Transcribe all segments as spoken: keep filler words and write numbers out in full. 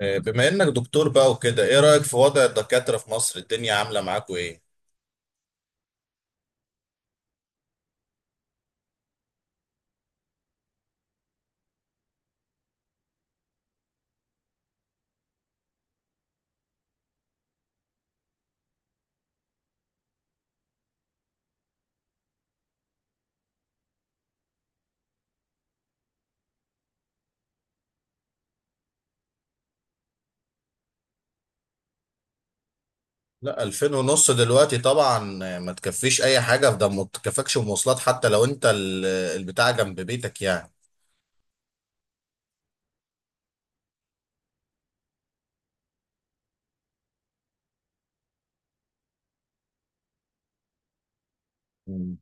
بما انك دكتور بقى وكده، ايه رأيك في وضع الدكاترة في مصر؟ الدنيا عاملة معاكوا ايه؟ لا، ألفين ونص دلوقتي طبعا. ما تكفيش اي حاجة في ده، ما تكفكش مواصلات حتى لو انت ال- البتاع جنب بيتك يعني. مم.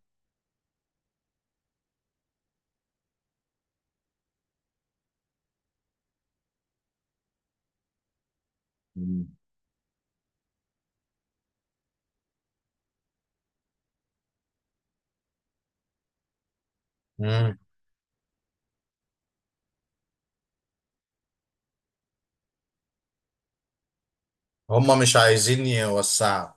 مم. هم مش عايزين يوسعوا.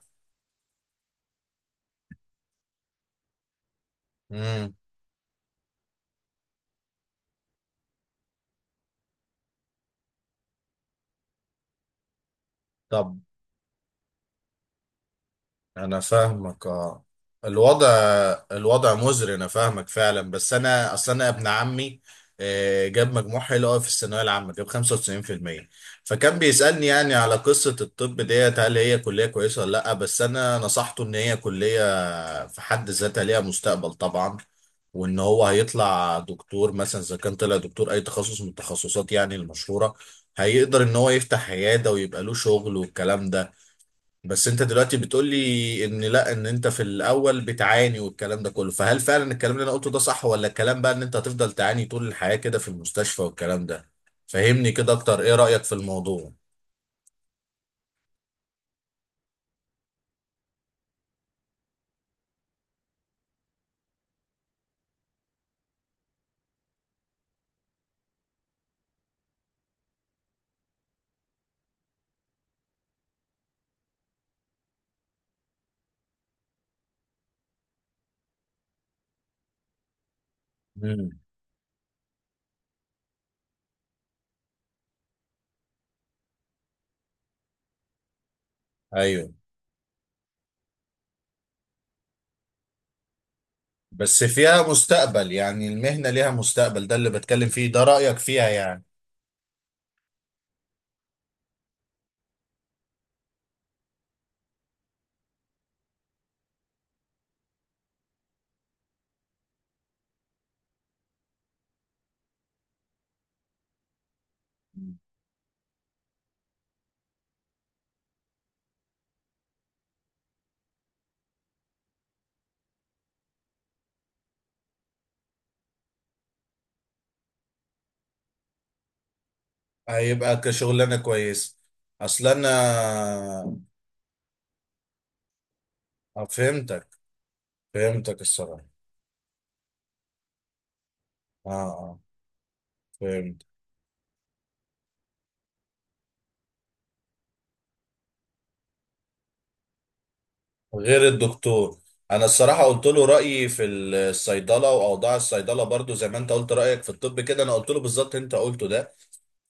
مم. طب انا فاهمك، اه. الوضع الوضع مزري، انا فاهمك فعلا. بس انا اصل انا ابن عمي آه، جاب مجموع حلو قوي في الثانويه العامه، جاب خمسة وتسعين في المية. فكان بيسالني يعني على قصه الطب ديت، هل هي كليه كويسه ولا لا؟ بس انا نصحته ان هي كليه في حد ذاتها ليها مستقبل طبعا، وان هو هيطلع دكتور. مثلا اذا كان طلع دكتور اي تخصص من التخصصات يعني المشهوره، هيقدر ان هو يفتح عياده ويبقى له شغل والكلام ده. بس انت دلوقتي بتقول لي ان لا، ان انت في الاول بتعاني والكلام ده كله. فهل فعلا الكلام اللي انا قلته ده صح، ولا الكلام بقى ان انت هتفضل تعاني طول الحياة كده في المستشفى والكلام ده؟ فهمني كده اكتر، ايه رأيك في الموضوع؟ امم. ايوه بس فيها مستقبل يعني، المهنة ليها مستقبل؟ ده اللي بتكلم فيه ده، رأيك فيها يعني. هيبقى كشغلانة كويس. اصل انا اه، فهمتك. فهمتك الصراحة. اه، اه، فهمت. غير الدكتور. انا الصراحه قلت له رايي في الصيدله واوضاع الصيدله، برضو زي ما انت قلت رايك في الطب كده، انا قلت له بالظبط انت قلته ده.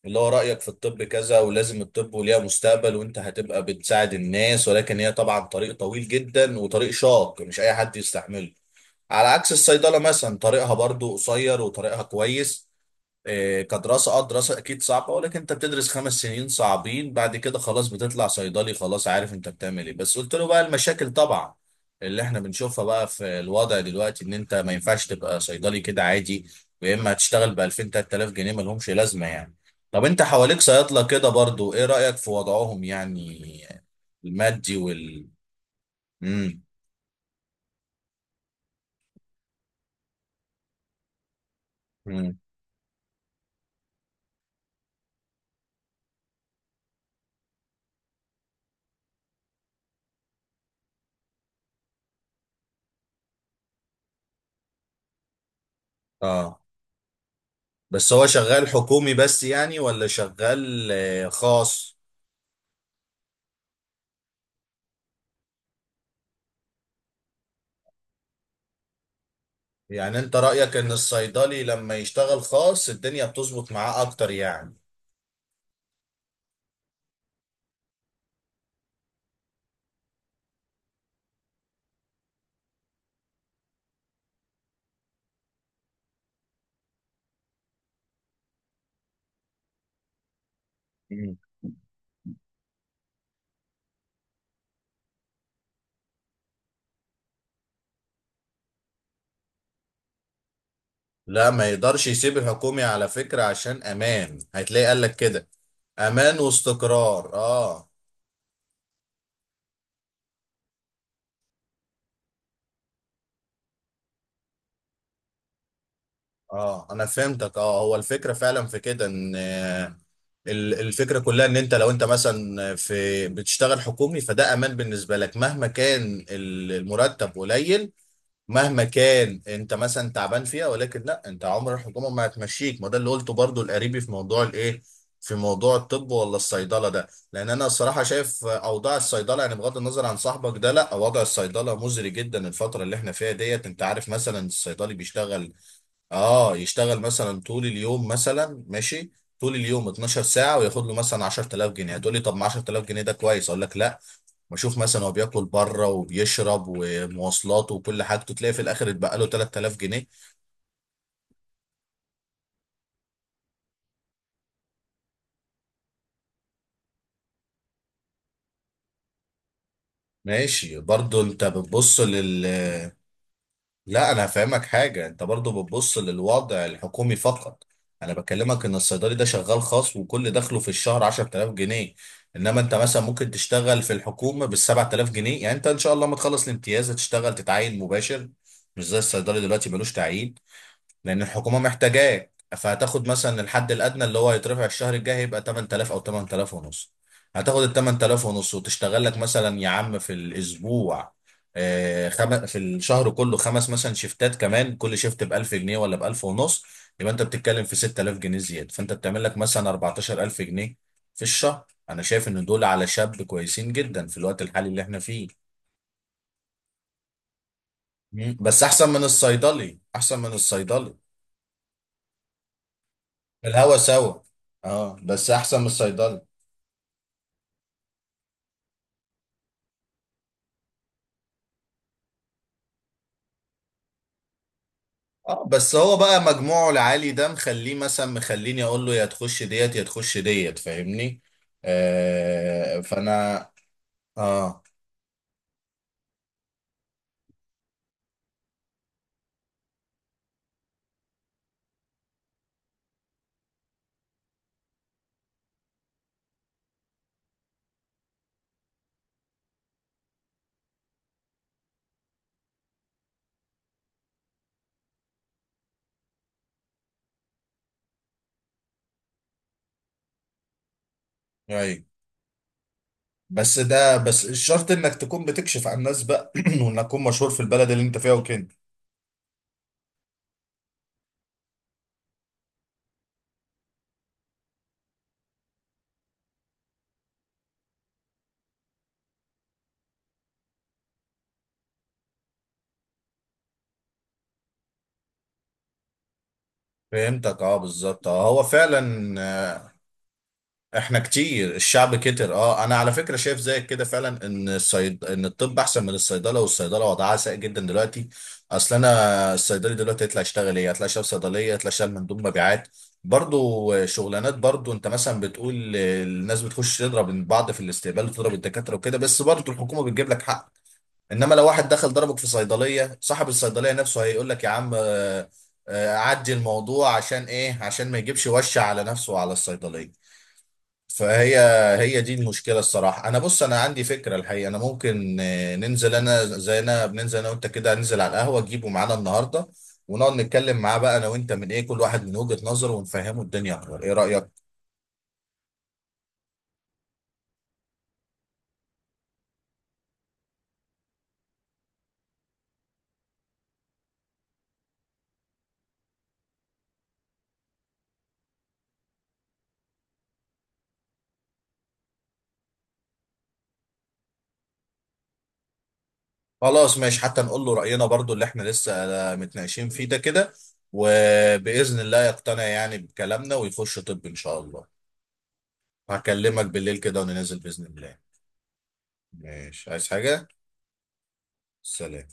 اللي هو رايك في الطب كذا، ولازم الطب وليها مستقبل وانت هتبقى بتساعد الناس، ولكن هي طبعا طريق طويل جدا وطريق شاق مش اي حد يستحمله. على عكس الصيدله مثلا، طريقها برضو قصير وطريقها كويس. إيه، كدراسة، اه دراسة اكيد صعبة، ولكن انت بتدرس خمس سنين صعبين، بعد كده خلاص بتطلع صيدلي، خلاص عارف انت بتعمل ايه. بس قلت له بقى المشاكل طبعا اللي احنا بنشوفها بقى في الوضع دلوقتي، ان انت ما ينفعش تبقى صيدلي كده عادي. ويا اما هتشتغل ب ألفين تلات آلاف جنيه، ما لهمش لازمة يعني. طب انت حواليك صيادلة كده برضو، ايه رأيك في وضعهم يعني؟ المادي وال امم. امم. اه بس هو شغال حكومي بس يعني، ولا شغال آه، خاص؟ يعني انت رأيك ان الصيدلي لما يشتغل خاص الدنيا بتظبط معاه اكتر يعني. مم. لا، ما يقدرش يسيب الحكومي على فكرة، عشان امان. هتلاقي قالك كده، امان واستقرار، اه. اه، انا فهمتك. اه، هو الفكرة فعلا في كده، ان آه، ال- الفكرة كلها ان انت لو انت مثلا في بتشتغل حكومي، فده امان بالنسبة لك مهما كان ال- المرتب قليل، مهما كان انت مثلا تعبان فيها، ولكن لا، انت عمر الحكومه ما هتمشيك. ما ده اللي قلته برضو القريبي في موضوع الايه، في موضوع الطب ولا الصيدله ده. لان انا الصراحه شايف اوضاع الصيدله، يعني بغض النظر عن صاحبك ده، لا وضع الصيدله مزري جدا الفتره اللي احنا فيها ديت. انت عارف مثلا الصيدلي بيشتغل، اه يشتغل مثلا طول اليوم مثلا ماشي، طول اليوم 12 ساعة وياخد له مثلا عشر آلاف جنيه. هتقول لي طب ما عشر آلاف جنيه ده كويس، اقول لك لا. بشوف مثلا هو بياكل بره وبيشرب ومواصلاته وكل حاجته، تلاقي في الاخر اتبقى له تلات آلاف جنيه. ماشي، برضو انت بتبص لل لا، انا هفهمك حاجه، انت برضو بتبص للوضع الحكومي فقط. انا بكلمك ان الصيدلي ده شغال خاص، وكل دخله في الشهر عشرة آلاف جنيه. انما انت مثلا ممكن تشتغل في الحكومه بال سبعة آلاف جنيه، يعني انت ان شاء الله ما تخلص الامتياز هتشتغل تتعين مباشر، مش زي الصيدلي دلوقتي ملوش تعيين. لان الحكومه محتاجاك، فهتاخد مثلا الحد الادنى اللي هو هيترفع الشهر الجاي، هيبقى تمنية آلاف او تمنية آلاف ونص. هتاخد ال تمنية آلاف ونص وتشتغل لك مثلا يا عم في الاسبوع، آه، خم... في الشهر كله خمس مثلا شيفتات كمان، كل شيفت ب ألف جنيه ولا ب ألف ونص. يبقى انت بتتكلم في ستة آلاف جنيه زياده، فانت بتعمل لك مثلا أربعتاشر ألف جنيه في الشهر. انا شايف ان دول على شاب كويسين جدا في الوقت الحالي اللي احنا فيه. مم. بس احسن من الصيدلي، احسن من الصيدلي. الهوا سوا، اه بس احسن من الصيدلي. اه بس هو بقى مجموعه العالي ده مخليه، مثلا مخليني اقول له يا تخش ديت يا تخش ديت، فاهمني. آه فانا اه. ايوه. بس ده بس الشرط انك تكون بتكشف عن الناس بقى وانك تكون مشهور في البلد اللي انت فيها وكده. فهمتك، اه بالظبط، اه هو فعلا آه،. احنا كتير، الشعب كتر. اه انا على فكره شايف زيك كده فعلا، ان الصيد ان الطب احسن من الصيدله، والصيدله وضعها سيء جدا دلوقتي. اصل انا الصيدلي دلوقتي يطلع يشتغل ايه، يطلع يشتغل صيدليه، يطلع يشتغل مندوب مبيعات، برضو شغلانات. برضو انت مثلا بتقول الناس بتخش تضرب بعض في الاستقبال وتضرب الدكاتره وكده، بس برضو الحكومه بتجيب لك حق. انما لو واحد دخل ضربك في صيدليه، صاحب الصيدليه نفسه هيقول لك يا عم آه، آه، عدي الموضوع. عشان ايه؟ عشان ما يجيبش وشة على نفسه وعلى الصيدليه. فهي، هي دي المشكله الصراحه. انا بص انا عندي فكره الحقيقه، انا ممكن آه، ننزل انا زي انا بننزل انا وانت كده، ننزل على القهوه تجيبه معانا النهارده، ونقعد نتكلم معاه بقى انا وانت، من ايه كل واحد من وجهه نظره، ونفهمه الدنيا اكتر، ايه رايك؟ خلاص ماشي. حتى نقول له راينا برضو اللي احنا لسه آه، متناقشين فيه ده كده. وباذن الله يقتنع يعني بكلامنا ويخش طب ان شاء الله. هكلمك بالليل كده وننزل باذن الله. ماشي، عايز حاجه؟ سلام.